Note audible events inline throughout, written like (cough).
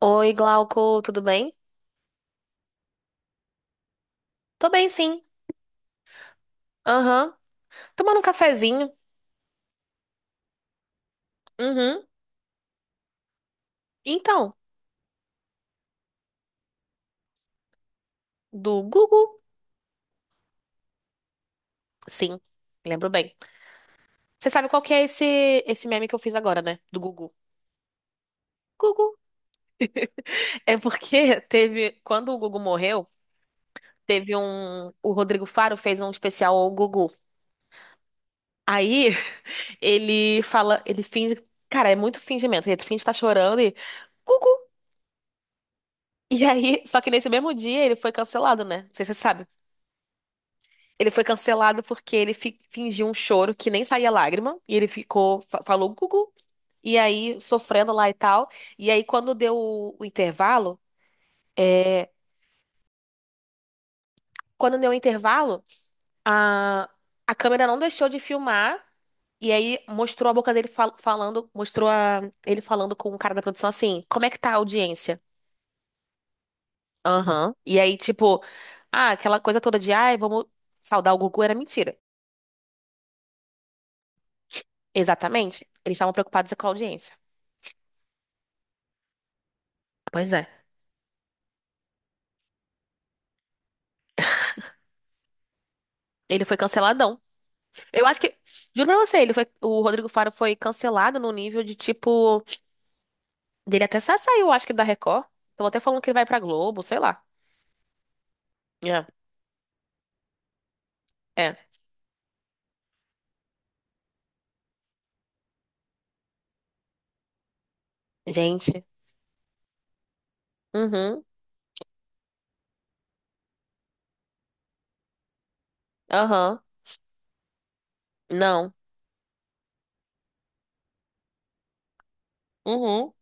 Oi, Glauco, tudo bem? Tô bem, sim. Aham. Tomando um cafezinho. Uhum. Então, do Gugu? Sim, lembro bem. Você sabe qual que é esse meme que eu fiz agora, né? Do Gugu. Gugu. É porque (laughs) teve. Quando o Gugu morreu, teve um. O Rodrigo Faro fez um especial ao Gugu. Aí (laughs) ele fala. Ele finge. Cara, é muito fingimento. Ele finge estar chorando e. Gugu! E aí, (laughs) só que nesse mesmo dia ele foi cancelado, né? Não sei se você sabe. Ele foi cancelado porque ele fingiu um choro que nem saía lágrima. E ele ficou, falou gugu, e aí sofrendo lá e tal. E aí, quando deu o intervalo, é, quando deu o intervalo, a, a câmera não deixou de filmar. E aí mostrou a boca dele falando, mostrou a- ele falando com o cara da produção assim, como é que tá a audiência? Aham. E aí, tipo, ah, aquela coisa toda de, ai, vamos saudar o Gugu era mentira. Exatamente. Eles estavam preocupados com a audiência. Pois é. Ele foi canceladão. Eu acho que, juro pra você, o Rodrigo Faro foi cancelado no nível de tipo, dele até saiu, acho que da Record. Estão até falando que ele vai pra Globo, sei lá. É. É. Gente. Uhum. Aham. Não. Uhum.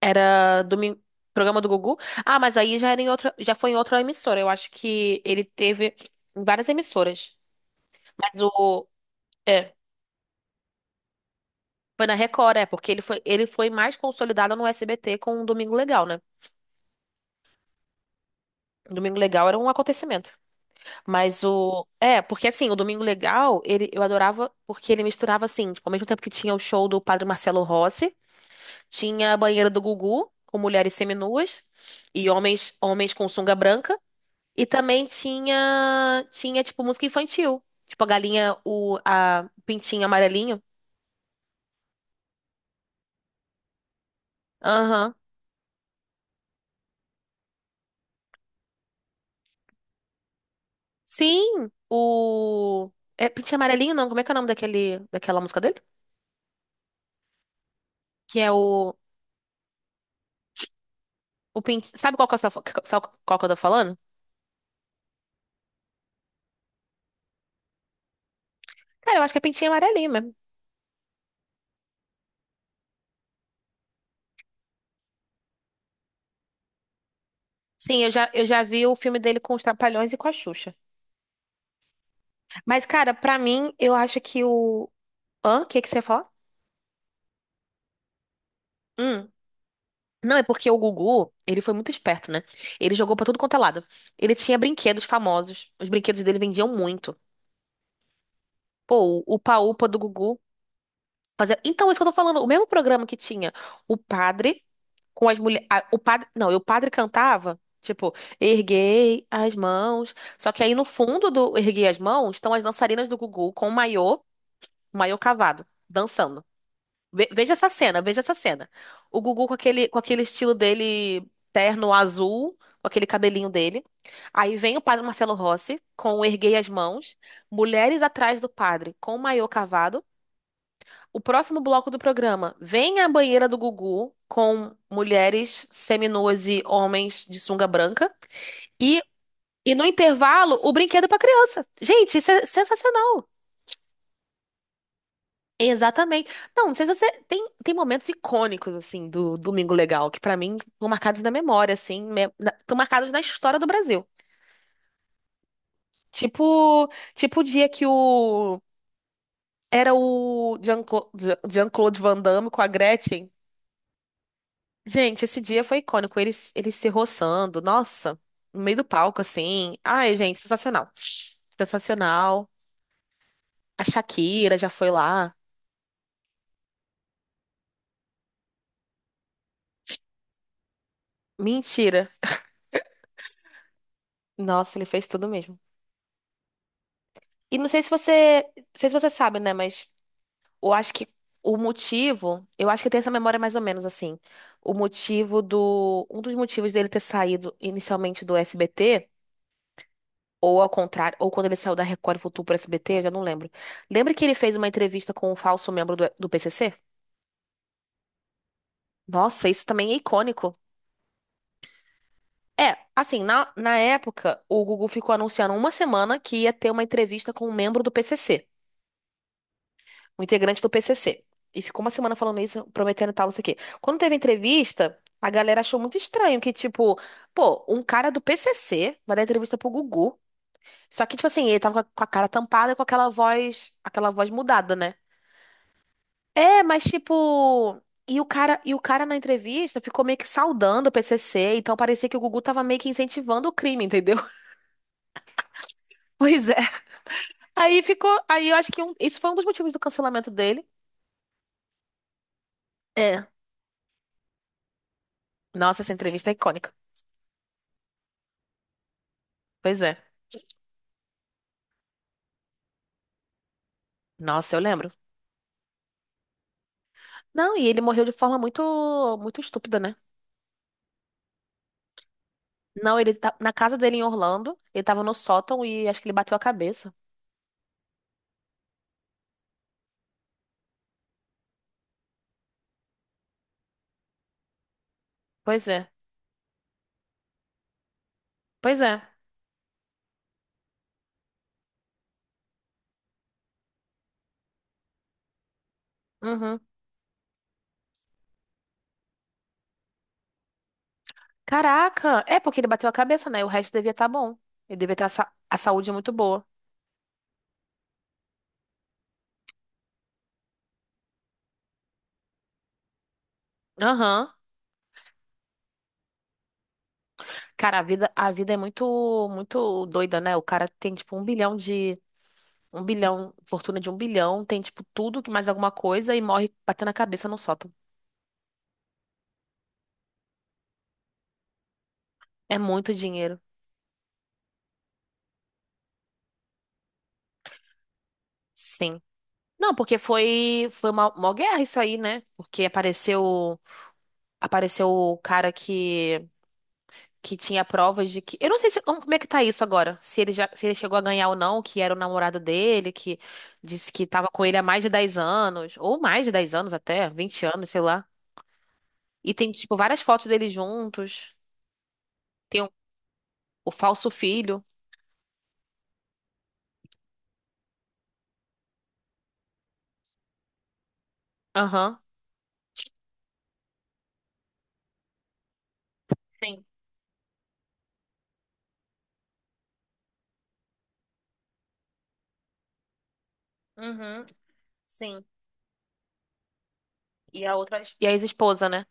Era domingo, programa do Gugu. Ah, mas aí já era em outra, já foi em outra emissora. Eu acho que ele teve em várias emissoras. Mas o é, foi na Record, é, porque ele foi mais consolidado no SBT com o Domingo Legal, né? O Domingo Legal era um acontecimento. Mas o. É, porque assim, o Domingo Legal, ele, eu adorava porque ele misturava assim, tipo, ao mesmo tempo que tinha o show do Padre Marcelo Rossi, tinha a banheira do Gugu, com mulheres seminuas e homens, homens com sunga branca, e também tinha, tinha tipo, música infantil. Tipo, a galinha, o a pintinho amarelinho. Aham. Sim, o. É pintinho amarelinho, não? Como é que é o nome daquele, daquela música dele? Que é o. O pint... Sabe qual que eu tô, qual que eu tô falando? Cara, eu acho que é pintinho amarelinho mesmo. Sim, eu já vi o filme dele com os Trapalhões e com a Xuxa. Mas, cara, pra mim, eu acho que o. Hã? O que que você ia falar? Hum. Não, é porque o Gugu, ele foi muito esperto, né? Ele jogou pra tudo quanto é lado. Ele tinha brinquedos famosos. Os brinquedos dele vendiam muito. Pô, o Upa-Upa do Gugu. Fazia... Então, isso que eu tô falando. O mesmo programa que tinha o padre com as mulheres. O padre. Não, e o padre cantava. Tipo, erguei as mãos. Só que aí no fundo do erguei as mãos estão as dançarinas do Gugu com o maiô. Maiô cavado, dançando. Veja essa cena, veja essa cena. O Gugu com aquele estilo dele, terno azul, com aquele cabelinho dele. Aí vem o padre Marcelo Rossi com o Erguei as Mãos, mulheres atrás do padre com o maiô cavado. O próximo bloco do programa vem a banheira do Gugu com mulheres seminuas e homens de sunga branca. E, e no intervalo, o brinquedo para criança. Gente, isso é sensacional. Exatamente. Não, não sei se você tem, tem momentos icônicos assim do Domingo Legal que pra mim estão marcados na memória assim, estão marcados na história do Brasil. Tipo, tipo o dia que o era o Jean-Claude Van Damme com a Gretchen. Gente, esse dia foi icônico, eles se roçando, nossa, no meio do palco assim. Ai, gente, sensacional. Sensacional. A Shakira já foi lá. Mentira. Nossa, ele fez tudo mesmo. E não sei se você, não sei se você sabe, né, mas eu acho que o motivo, eu acho que tem essa memória mais ou menos assim. O motivo do, um dos motivos dele ter saído inicialmente do SBT, ou ao contrário, ou quando ele saiu da Record e voltou pro SBT, eu já não lembro. Lembra que ele fez uma entrevista com um falso membro do PCC? Nossa, isso também é icônico. É, assim, na, na época, o Gugu ficou anunciando uma semana que ia ter uma entrevista com um membro do PCC. Um integrante do PCC. E ficou uma semana falando isso, prometendo tal, não sei o quê. Quando teve entrevista, a galera achou muito estranho que, tipo, pô, um cara do PCC vai dar entrevista pro Gugu. Só que, tipo assim, ele tava com a cara tampada e com aquela voz mudada, né? É, mas tipo, e o cara na entrevista ficou meio que saudando o PCC, então parecia que o Gugu tava meio que incentivando o crime, entendeu? (laughs) Pois é. Aí ficou, aí eu acho que um- isso foi um dos motivos do cancelamento dele. É. Nossa, essa entrevista é icônica. Pois é. Nossa, eu lembro. Não, e ele morreu de forma muito, muito estúpida, né? Não, ele tá na casa dele em Orlando, ele tava no sótão e acho que ele bateu a cabeça. Pois é. Pois é. Uhum. Caraca, é porque ele bateu a cabeça, né? O resto devia estar bom. Ele devia ter a, a saúde muito boa. Aham. Cara, a vida é muito, muito doida, né? O cara tem tipo um bilhão de, um bilhão, fortuna de um bilhão, tem tipo tudo que mais alguma coisa e morre batendo a cabeça no sótão. É muito dinheiro. Sim. Não, porque foi uma guerra isso aí, né? Porque apareceu o cara que tinha provas de que eu não sei se, como, como é que tá isso agora, se ele já se ele chegou a ganhar ou não, que era o namorado dele, que disse que tava com ele há mais de 10 anos, ou mais de 10 anos até, 20 anos, sei lá. E tem tipo várias fotos deles juntos. Tem o falso filho. Aham. Sim. Uhum. Sim. E a outra e a ex-esposa, né?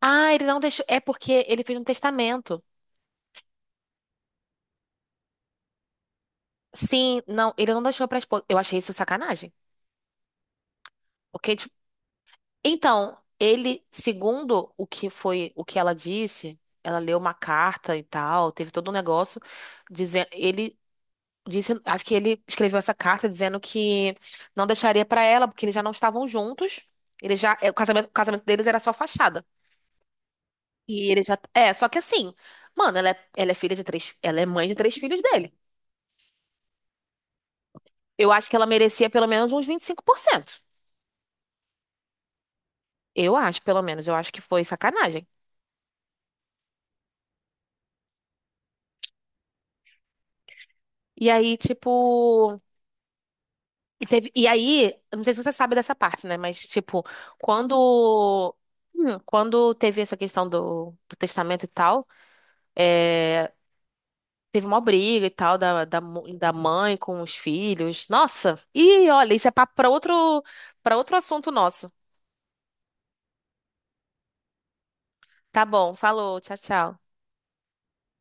Ah, ele não deixou. É porque ele fez um testamento. Sim, não, ele não deixou pra esposa. Eu achei isso sacanagem. Porque, tipo, então, ele, segundo o que foi, o que ela disse, ela leu uma carta e tal, teve todo um negócio dizendo, ele disse, acho que ele escreveu essa carta dizendo que não deixaria pra ela, porque eles já não estavam juntos. Ele já, é, o casamento deles era só fachada. E ele já, é, só que assim, mano, ela é mãe de 3 filhos dele. Eu acho que ela merecia pelo menos uns 25%. Eu acho, pelo menos. Eu acho que foi sacanagem. E aí, tipo. E, e aí, eu não sei se você sabe dessa parte, né? Mas, tipo, quando. Quando teve essa questão do testamento e tal, é, teve uma briga e tal da, da mãe com os filhos. Nossa! E olha, isso é papo pra outro, para outro assunto nosso. Tá bom, falou, tchau, tchau.